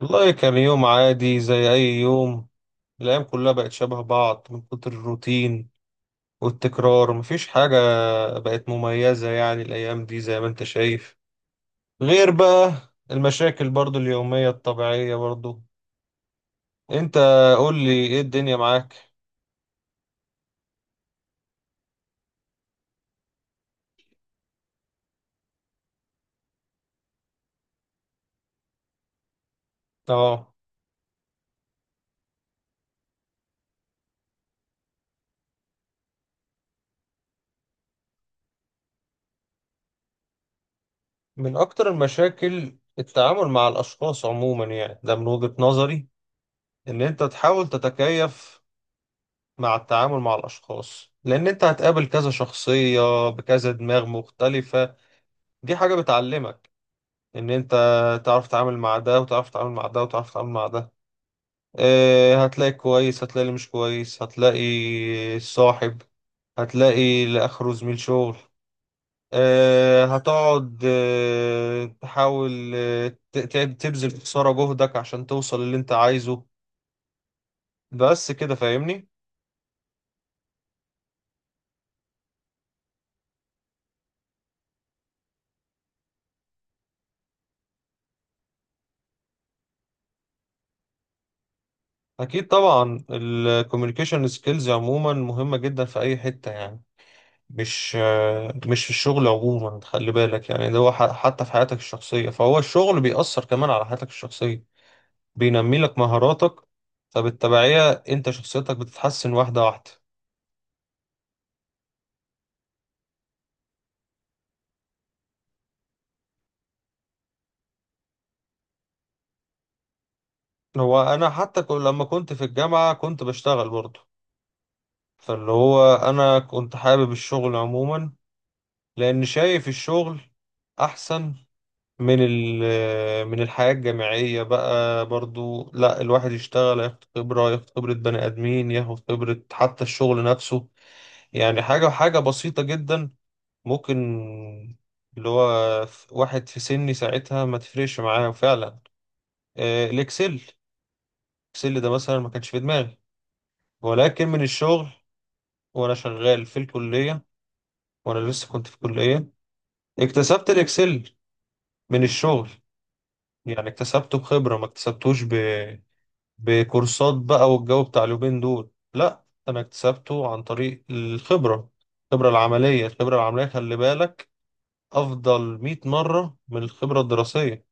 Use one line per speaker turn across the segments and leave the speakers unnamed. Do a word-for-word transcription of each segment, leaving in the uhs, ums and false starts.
والله كان يوم عادي زي أي يوم. الأيام كلها بقت شبه بعض من كتر الروتين والتكرار، مفيش حاجة بقت مميزة، يعني الأيام دي زي ما أنت شايف، غير بقى المشاكل برضو اليومية الطبيعية برضو. أنت قول لي إيه الدنيا معاك. أه. من أكتر المشاكل التعامل مع الأشخاص عموما، يعني ده من وجهة نظري إن أنت تحاول تتكيف مع التعامل مع الأشخاص، لأن أنت هتقابل كذا شخصية بكذا دماغ مختلفة. دي حاجة بتعلمك إن أنت تعرف تتعامل مع ده وتعرف تتعامل مع ده وتعرف تتعامل مع ده. آه، هتلاقي كويس، هتلاقي اللي مش كويس، هتلاقي صاحب، هتلاقي اللي آخره زميل شغل. آه، هتقعد آه، تحاول آه، ت- ت- تبذل في خسارة جهدك عشان توصل اللي أنت عايزه. بس كده فاهمني؟ أكيد طبعا الكوميونيكيشن سكيلز عموما مهمة جدا في أي حتة يعني، مش آه، مش في الشغل عموما خلي بالك، يعني ده هو ح- حتى في حياتك الشخصية، فهو الشغل بيأثر كمان على حياتك الشخصية، بينمي لك مهاراتك، فبالتبعية انت شخصيتك بتتحسن واحدة واحدة. هو انا حتى ك- لما كنت في الجامعة كنت بشتغل برضه، فاللي هو انا كنت حابب الشغل عموما، لان شايف الشغل احسن من ال- من الحياة الجامعية بقى برضو. لا، الواحد يشتغل ياخد خبرة، ياخد خبرة بني آدمين، ياخد خبرة حتى الشغل نفسه. يعني حاجة حاجة بسيطة جدا ممكن، اللي هو ف- واحد في سني ساعتها ما تفرقش معاه فعلا. آه، الإكسل، الإكسل ده مثلا ما كانش في دماغي، ولكن من الشغل، وأنا شغال في الكلية، وأنا لسه كنت في الكلية اكتسبت الإكسل من الشغل. يعني اكتسبته بخبرة، ما اكتسبتوش بكورسات بقى والجو بتاع اليومين دول. لا، انا اكتسبته عن طريق الخبرة. الخبرة العملية، الخبرة العملية خلي بالك افضل مئة مرة من الخبرة الدراسية.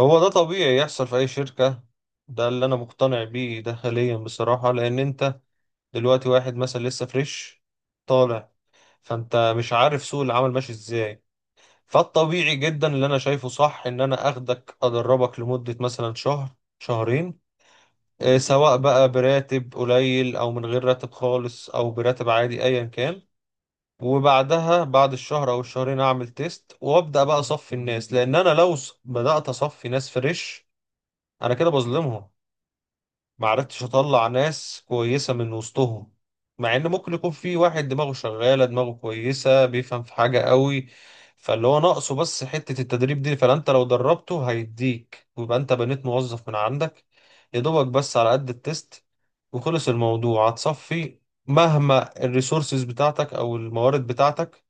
هو ده طبيعي يحصل في أي شركة، ده اللي أنا مقتنع بيه ده حاليا بصراحة. لأن أنت دلوقتي واحد مثلا لسه فريش طالع، فأنت مش عارف سوق العمل ماشي إزاي. فالطبيعي جدا اللي أنا شايفه صح إن أنا أخدك أدربك لمدة مثلا شهر، شهرين، آه، سواء بقى براتب قليل او من غير راتب خالص او براتب عادي ايا كان. وبعدها بعد الشهر او الشهرين اعمل تيست وابدا بقى اصفي الناس، لان انا لو ص- بدات اصفي ناس فريش انا كده بظلمهم، ما عرفتش اطلع ناس كويسة من وسطهم، مع ان ممكن يكون في واحد دماغه شغالة، دماغه كويسة، بيفهم في حاجة قوي، فاللي هو ناقصه بس حتة التدريب دي. فانت لو دربته هيديك، ويبقى انت بنيت موظف من عندك، يا دوبك بس على قد التست وخلص الموضوع هتصفي. مهما الريسورسز بتاعتك او الموارد بتاعتك،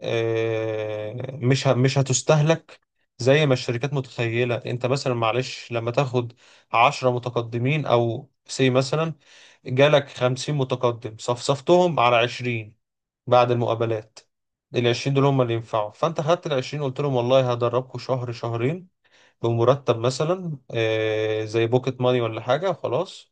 آه، مش ه- مش هتستهلك زي ما الشركات متخيلة. انت مثلا معلش لما تاخد عشرة متقدمين او سي مثلا، جالك خمسين متقدم صفصفتهم على عشرين بعد المقابلات. العشرين دول هم اللي ينفعوا، فانت خدت العشرين قلت لهم والله هدربكم شهر، شهرين، بمرتب مثلا آه، زي بوكيت ماني ولا حاجة وخلاص.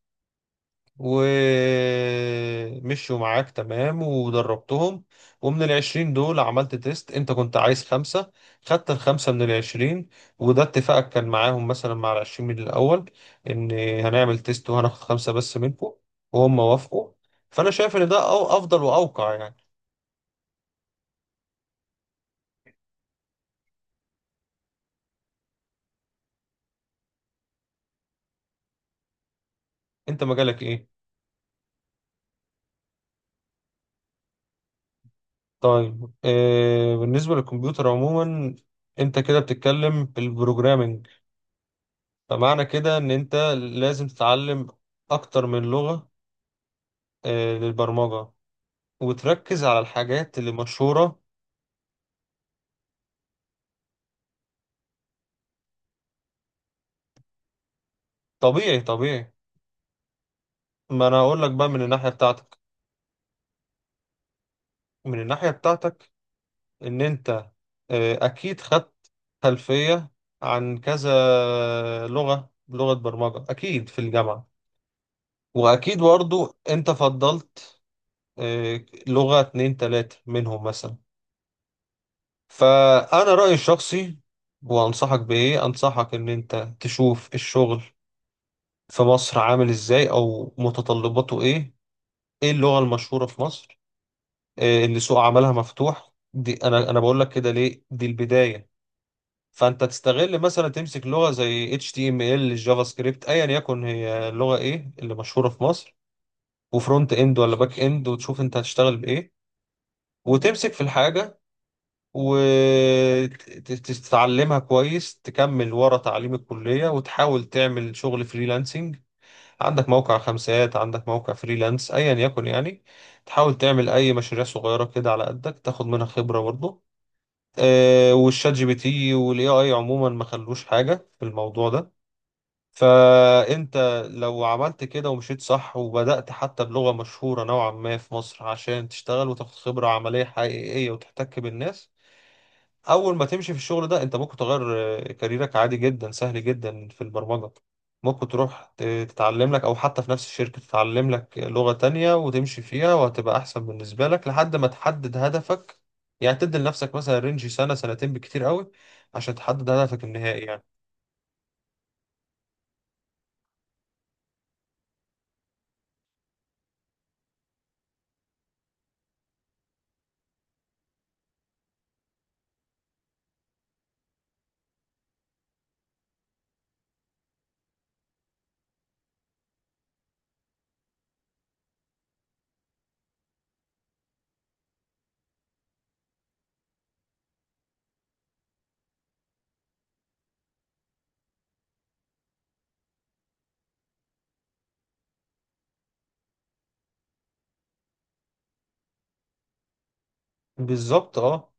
ومشوا معاك تمام ودربتهم، ومن العشرين دول عملت تيست، انت كنت عايز خمسة، خدت الخمسة من العشرين. وده اتفاقك كان معاهم مثلا مع العشرين من الأول، إن هنعمل تيست وهناخد خمسة بس منكم، وهم وافقوا. فأنا شايف إن ده أو- أفضل وأوقع يعني. انت مجالك إيه؟ طيب، آه بالنسبة للكمبيوتر عموما، انت كده بتتكلم بالبروجرامينج، فمعنى كده ان انت لازم تتعلم اكتر من لغة، آه، للبرمجة، وتركز على الحاجات اللي مشهورة. طبيعي، طبيعي. ما أنا أقول لك بقى من الناحية بتاعتك، من الناحية بتاعتك إن أنت آه، أكيد خدت خلفية عن كذا لغة، لغة برمجة أكيد في الجامعة، وأكيد برضو أنت فضلت آه، لغة اتنين تلاتة منهم مثلا. فأنا رأيي الشخصي، وأنصحك بإيه، أنصحك إن أنت تشوف الشغل في مصر عامل إزاي أو متطلباته إيه، ايه اللغة المشهورة في مصر، إيه اللي سوق عملها مفتوح. دي انا انا بقول لك كده ليه، دي البداية. فانت تستغل مثلا تمسك لغة زي H T M L جافا سكريبت ايا يكن، هي اللغة ايه اللي مشهورة في مصر، وفرونت اند ولا باك اند، وتشوف انت هتشتغل بايه، وتمسك في الحاجة وتتعلمها كويس، تكمل ورا تعليم الكلية وتحاول تعمل شغل فريلانسنج. عندك موقع خمسات، عندك موقع فريلانس، ايا يكن يعني، تحاول تعمل اي مشاريع صغيره كده على قدك تاخد منها خبره برضه. آه والشات جي بي تي والاي اي عموما ما خلوش حاجه في الموضوع ده. فانت لو عملت كده ومشيت صح، وبدأت حتى بلغه مشهوره نوعا ما في مصر عشان تشتغل وتاخد خبره عمليه حقيقيه وتحتك بالناس، اول ما تمشي في الشغل ده انت ممكن تغير آه، كاريرك عادي جدا، سهل جدا في البرمجة. ممكن تروح ت- تتعلم لك، او حتى في نفس الشركة تتعلم لك لغة تانية وتمشي فيها، وهتبقى احسن بالنسبة لك لحد ما تحدد هدفك. يعني تدي لنفسك مثلا رينج سنة، سنتين بكتير قوي عشان تحدد هدفك النهائي يعني. بالظبط، اه.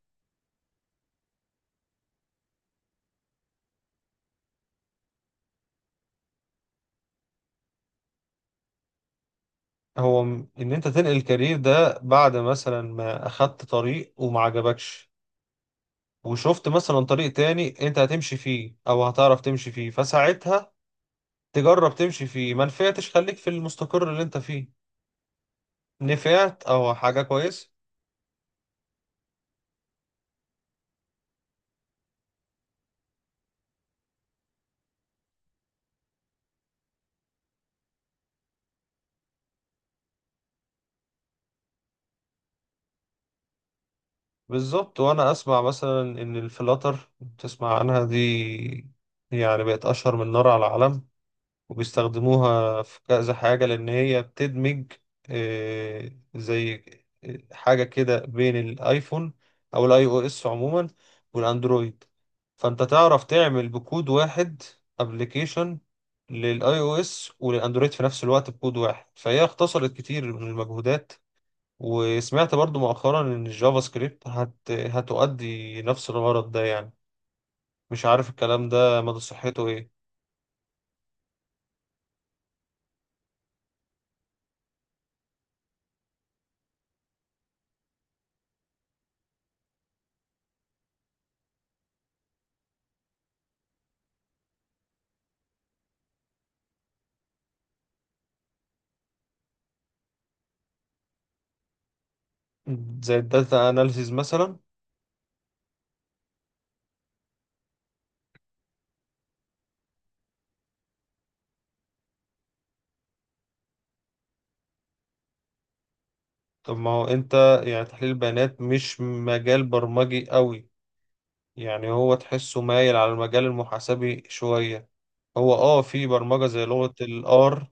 هو م- ان انت تنقل الكارير ده بعد مثلا ما اخدت طريق وما عجبكش، وشفت مثلا طريق تاني انت هتمشي فيه او هتعرف تمشي فيه، فساعتها تجرب تمشي فيه. ما نفعتش خليك في المستقر اللي انت فيه، نفعت او حاجة كويسة. بالظبط، وانا اسمع مثلا ان الفلاتر، تسمع عنها دي، يعني بقت اشهر من نار على علم، وبيستخدموها في كذا حاجة، لأن هي بتدمج آه، زي آه، حاجة كده بين الآيفون، أو الآي أو إس عموما، والأندرويد. فأنت تعرف تعمل بكود واحد أبليكيشن للآي أو إس وللأندرويد في نفس الوقت بكود واحد، فهي اختصرت كتير من المجهودات. وسمعت برضو مؤخرا إن الجافا سكريبت هت... هتؤدي نفس الغرض ده يعني، مش عارف الكلام ده مدى صحته إيه. زي الداتا أناليسيز مثلا. طب ما هو انت، يعني تحليل البيانات مش مجال برمجي قوي، يعني هو تحسه مايل على المجال المحاسبي شوية. هو اه، في برمجة زي لغة الار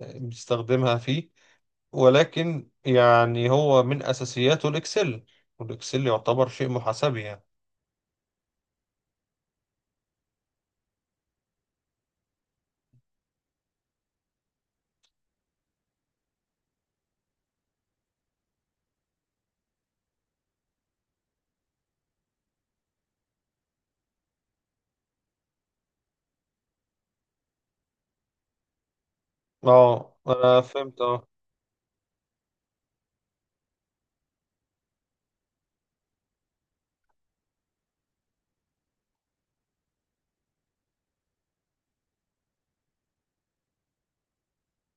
بيستخدمها فيه، ولكن يعني هو من اساسياته الاكسل، والاكسل يعتبر شيء محاسبي يعني. اه، انا فهمت، اه.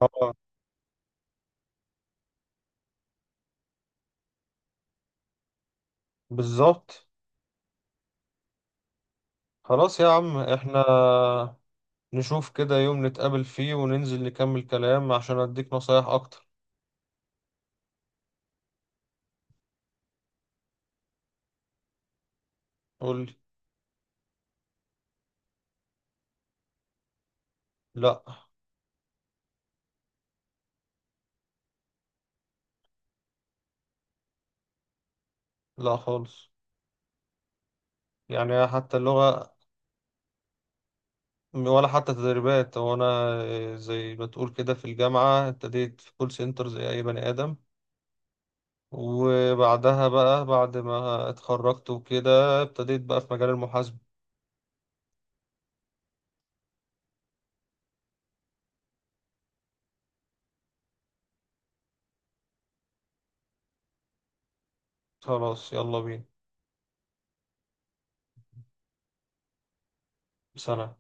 اه، بالظبط. خلاص يا عم، احنا نشوف كده يوم نتقابل فيه وننزل نكمل كلام عشان اديك نصايح اكتر. قولي. لا. لا خالص، يعني حتى اللغة، ولا حتى تدريبات. هو أنا زي ما تقول كده في الجامعة ابتديت في كول سنتر زي أي بني آدم، وبعدها بقى بعد ما اتخرجت وكده ابتديت بقى في مجال المحاسبة. خلاص، يلا بينا. سنة.